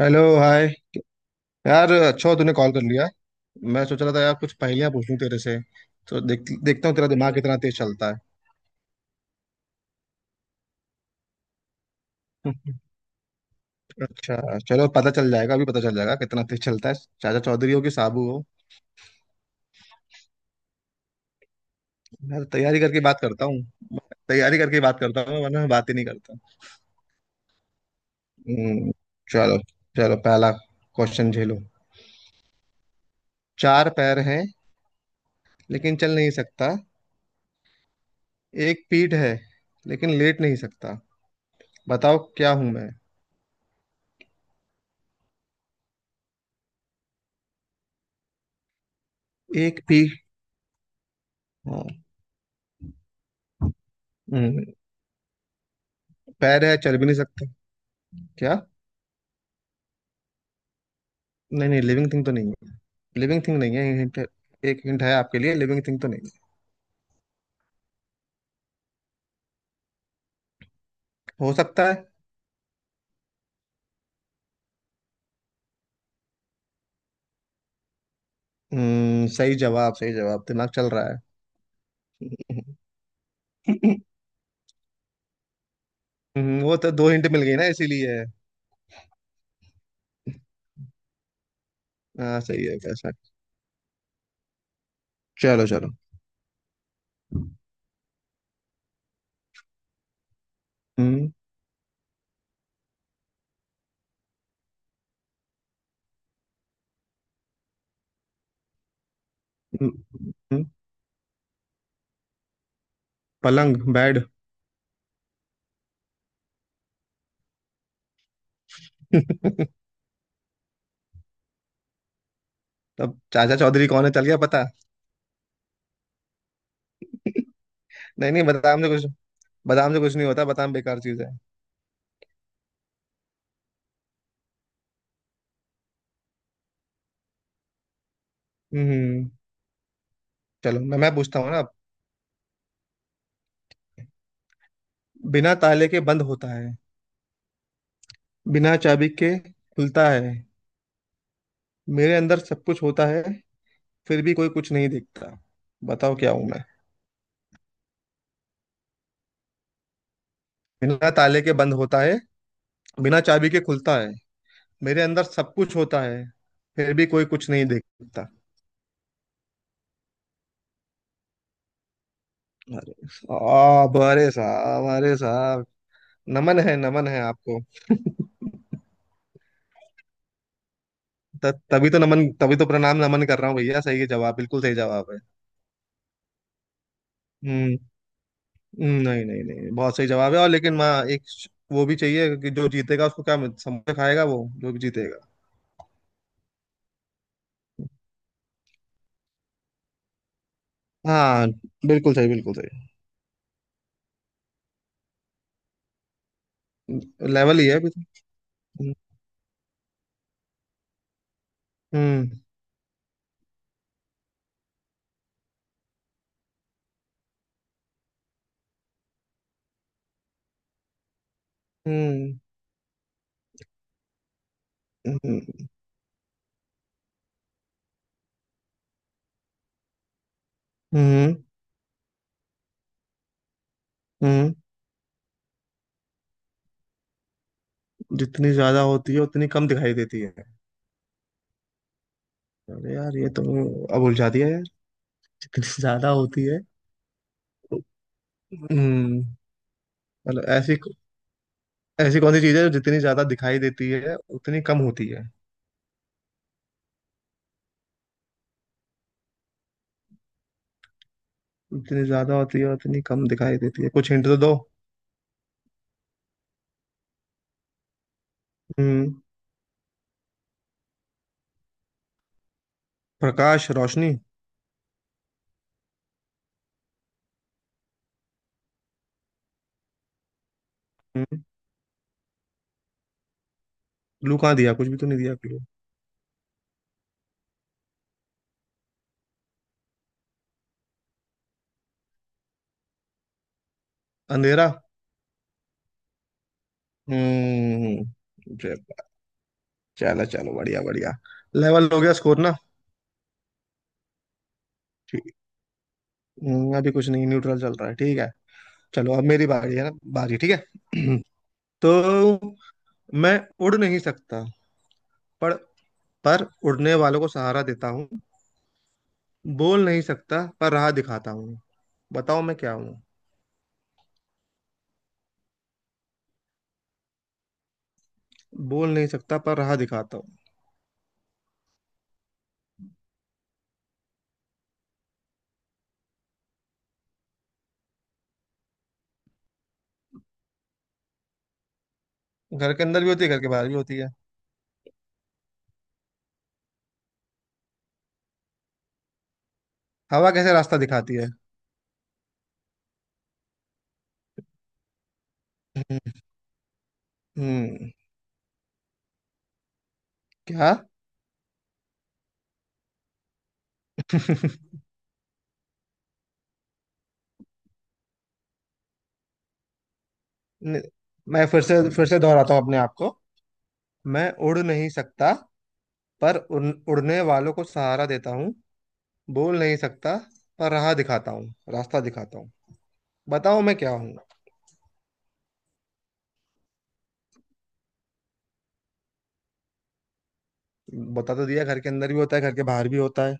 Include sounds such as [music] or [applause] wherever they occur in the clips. Hello hi. यार अच्छा हो तूने कॉल कर लिया। मैं सोच रहा था यार कुछ पहेलियां पूछ लूं तेरे से। तो देख देखता हूँ तेरा दिमाग कितना तेज चलता है। [laughs] अच्छा। चलो पता चल जाएगा, अभी पता चल जाएगा कितना तेज चलता है। चाचा चौधरी हो कि साबू हो। मैं तो तैयारी करके बात करता हूँ। तैयारी करके बात करता हूँ वरना मैं बात ही नहीं करता। हम्म, चलो। चलो पहला क्वेश्चन झेलो। चार पैर हैं लेकिन चल नहीं सकता। एक पीठ है लेकिन लेट नहीं सकता। बताओ क्या हूं मैं। एक पीठ, हाँ। हम्म, पैर है, चल भी नहीं सकते। क्या? नहीं नहीं, लिविंग थिंग तो नहीं है। लिविंग थिंग नहीं है, हिंट। एक हिंट है आपके लिए, लिविंग थिंग तो नहीं। है, हो सकता है। सही जवाब, सही जवाब, दिमाग चल रहा है। [laughs] वो तो दो हिंट मिल गई ना इसीलिए। हाँ सही है, कैसा? चलो चलो। हम्म, हम्म, हम्म, पलंग बेड। [laughs] तब चाचा चौधरी कौन है चल गया पता। नहीं नहीं, बादाम से कुछ नहीं होता, बादाम बेकार चीज है। हम्म। चलो मैं पूछता हूँ ना। बिना ताले के बंद होता है। बिना चाबी के खुलता है। मेरे अंदर सब कुछ होता है, फिर भी कोई कुछ नहीं देखता। बताओ क्या हूं मैं। बिना ताले के बंद होता है। बिना चाबी के खुलता है। मेरे अंदर सब कुछ होता है, फिर भी कोई कुछ नहीं देखता। अरे साहब, अरे साहब, अरे साहब। नमन है आपको। [laughs] तभी तो नमन, तभी तो प्रणाम नमन कर रहा हूँ भैया। सही है जवाब, बिल्कुल सही जवाब है। हम्म। नहीं नहीं नहीं, बहुत सही जवाब है। और लेकिन माँ वो भी चाहिए कि जो जीतेगा उसको क्या समोसा खाएगा वो, जो भी जीतेगा। हाँ, बिल्कुल सही, बिल्कुल सही। लेवल ही है अभी तो। हम्म। हम्म। हम्म। हम्म। हम्म। हम्म, जितनी ज्यादा होती है उतनी कम दिखाई देती है। अरे यार ये तो, अब उलझा दिया यार। जितनी ज्यादा होती है। हम्म। मतलब ऐसी, ऐसी कौन सी चीज है जो जितनी ज्यादा दिखाई देती है उतनी कम होती है? जितनी ज्यादा होती है उतनी कम दिखाई देती है, कुछ हिंट तो दो। हम्म। प्रकाश, रोशनी। हम्म। क्लू कहाँ दिया, कुछ भी तो नहीं दिया क्लू। अंधेरा। हम्म। जय बात। चलो चलो, बढ़िया बढ़िया। लेवल हो गया स्कोर ना। ठीक। अभी कुछ नहीं, न्यूट्रल चल रहा है, ठीक है। चलो अब मेरी बारी है ना। बारी ठीक है। [clears throat] तो मैं उड़ नहीं सकता, पर पर उड़ने वालों को सहारा देता हूँ। बोल नहीं सकता पर राह दिखाता हूँ। बताओ मैं क्या हूँ। बोल नहीं सकता पर राह दिखाता हूँ। घर के अंदर भी होती है, घर के बाहर भी होती है। हवा कैसे रास्ता दिखाती है? हम्म। हम्म। क्या? [laughs] न- मैं फिर से दोहराता हूँ अपने आप को। मैं उड़ नहीं सकता पर उड़ने वालों को सहारा देता हूँ। बोल नहीं सकता पर राह दिखाता हूँ, रास्ता दिखाता हूँ। बताओ मैं क्या हूँ। बता तो दिया, घर के अंदर भी होता है, घर के बाहर भी होता है।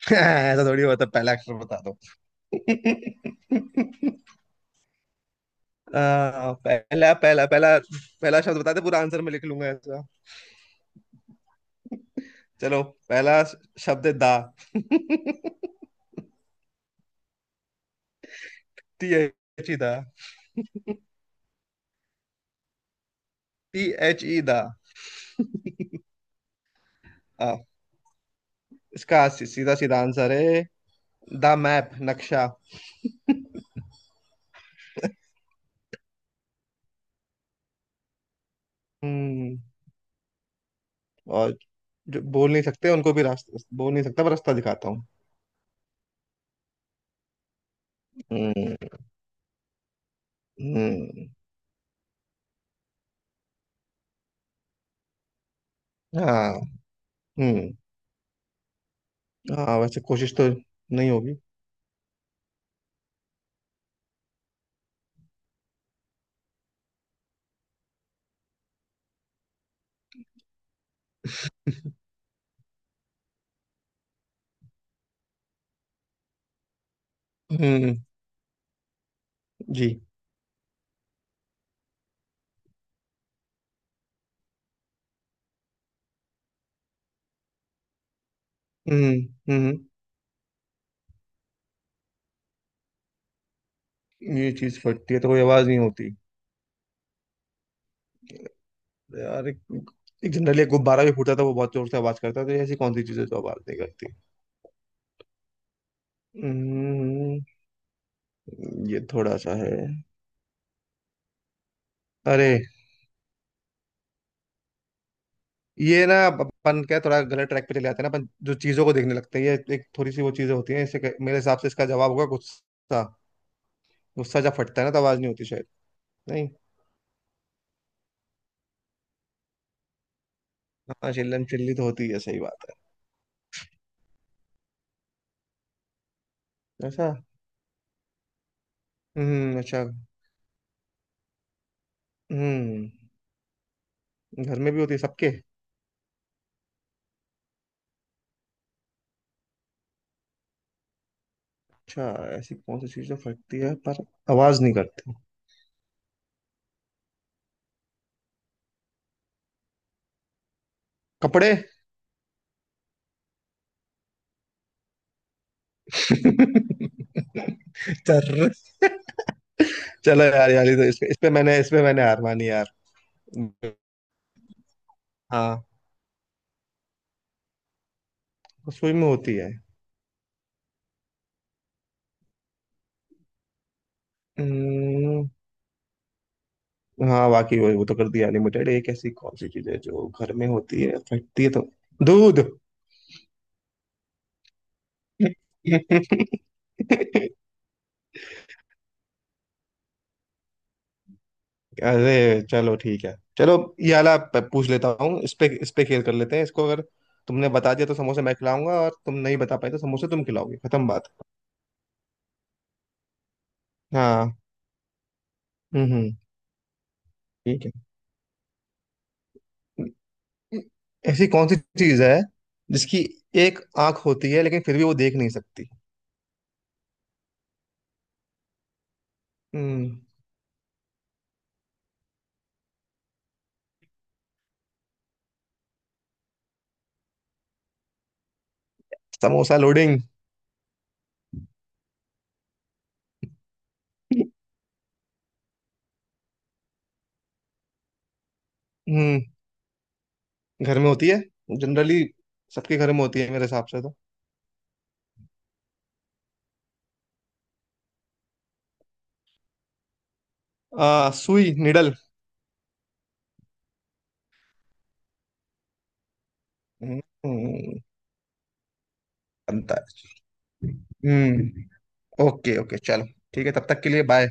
[laughs] ऐसा थोड़ी होता है, पहला अक्षर बता दो। [laughs] आ, पहला पहला शब्द बता दे, पूरा आंसर मैं लिख लूंगा ऐसा। चलो, पहला शब्द है दा। [laughs] T H E the. T H E the. आ, इसका सीधा सीधा आंसर है। द मैप, नक्शा। हम्म। और जो बोल नहीं सकते उनको भी रास्ता, बोल नहीं सकता पर रास्ता दिखाता हूँ। हम्म। हम्म, हाँ। हम्म। हाँ वैसे कोशिश तो नहीं होगी। हम्म। जी। हम्म। हम्म। ये चीज फटती है तो कोई आवाज नहीं होती? यार एक जनरली एक गुब्बारा भी फूटता था, वो बहुत जोर से आवाज करता था, तो ऐसी कौन सी चीजें जो आवाज नहीं करती? हम्म। ये थोड़ा सा है। अरे ये ना, अपन क्या थोड़ा गलत ट्रैक पे चले जाते हैं ना, अपन जो चीजों को देखने लगते हैं, ये एक थोड़ी सी वो चीजें होती हैं, इससे मेरे हिसाब से इसका जवाब होगा गुस्सा। गुस्सा जब फटता है ना तो आवाज नहीं होती शायद। नहीं, हाँ चिल्लम चिल्ली तो होती है, सही बात। है ऐसा। अच्छा। हम्म। घर में भी होती है सबके? अच्छा। ऐसी कौन सी चीज जो फटती है पर आवाज नहीं करती? कपड़े? [laughs] चर्र। चलो यार, यार ये तो इस पे मैंने हार मानी यार। हाँ। रसोई में होती है? हम्म, हाँ वाकई, वो तो कर दिया लिमिटेड। एक ऐसी कौन सी चीज है जो घर में होती है, फटती है तो? दूध। [laughs] अरे चलो ठीक है, चलो ये वाला पूछ लेता हूँ, इस पे खेल कर लेते हैं इसको। अगर तुमने बता दिया तो समोसे मैं खिलाऊंगा, और तुम नहीं बता पाए तो समोसे तुम खिलाओगे, खत्म बात। हाँ। हम्म। हम्म। ठीक है। ऐसी कौन सी चीज है जिसकी एक आंख होती है लेकिन फिर भी वो देख नहीं सकती? हम्म। समोसा लोडिंग। हम्म, घर में होती है जनरली, सबके घर में होती है मेरे हिसाब से तो। आ, सुई, निडल। हम्म, बनता है। हम्म। ओके ओके, चलो। ठीक है, तब तक के लिए बाय।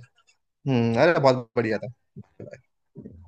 अरे बहुत बढ़िया था। Bye.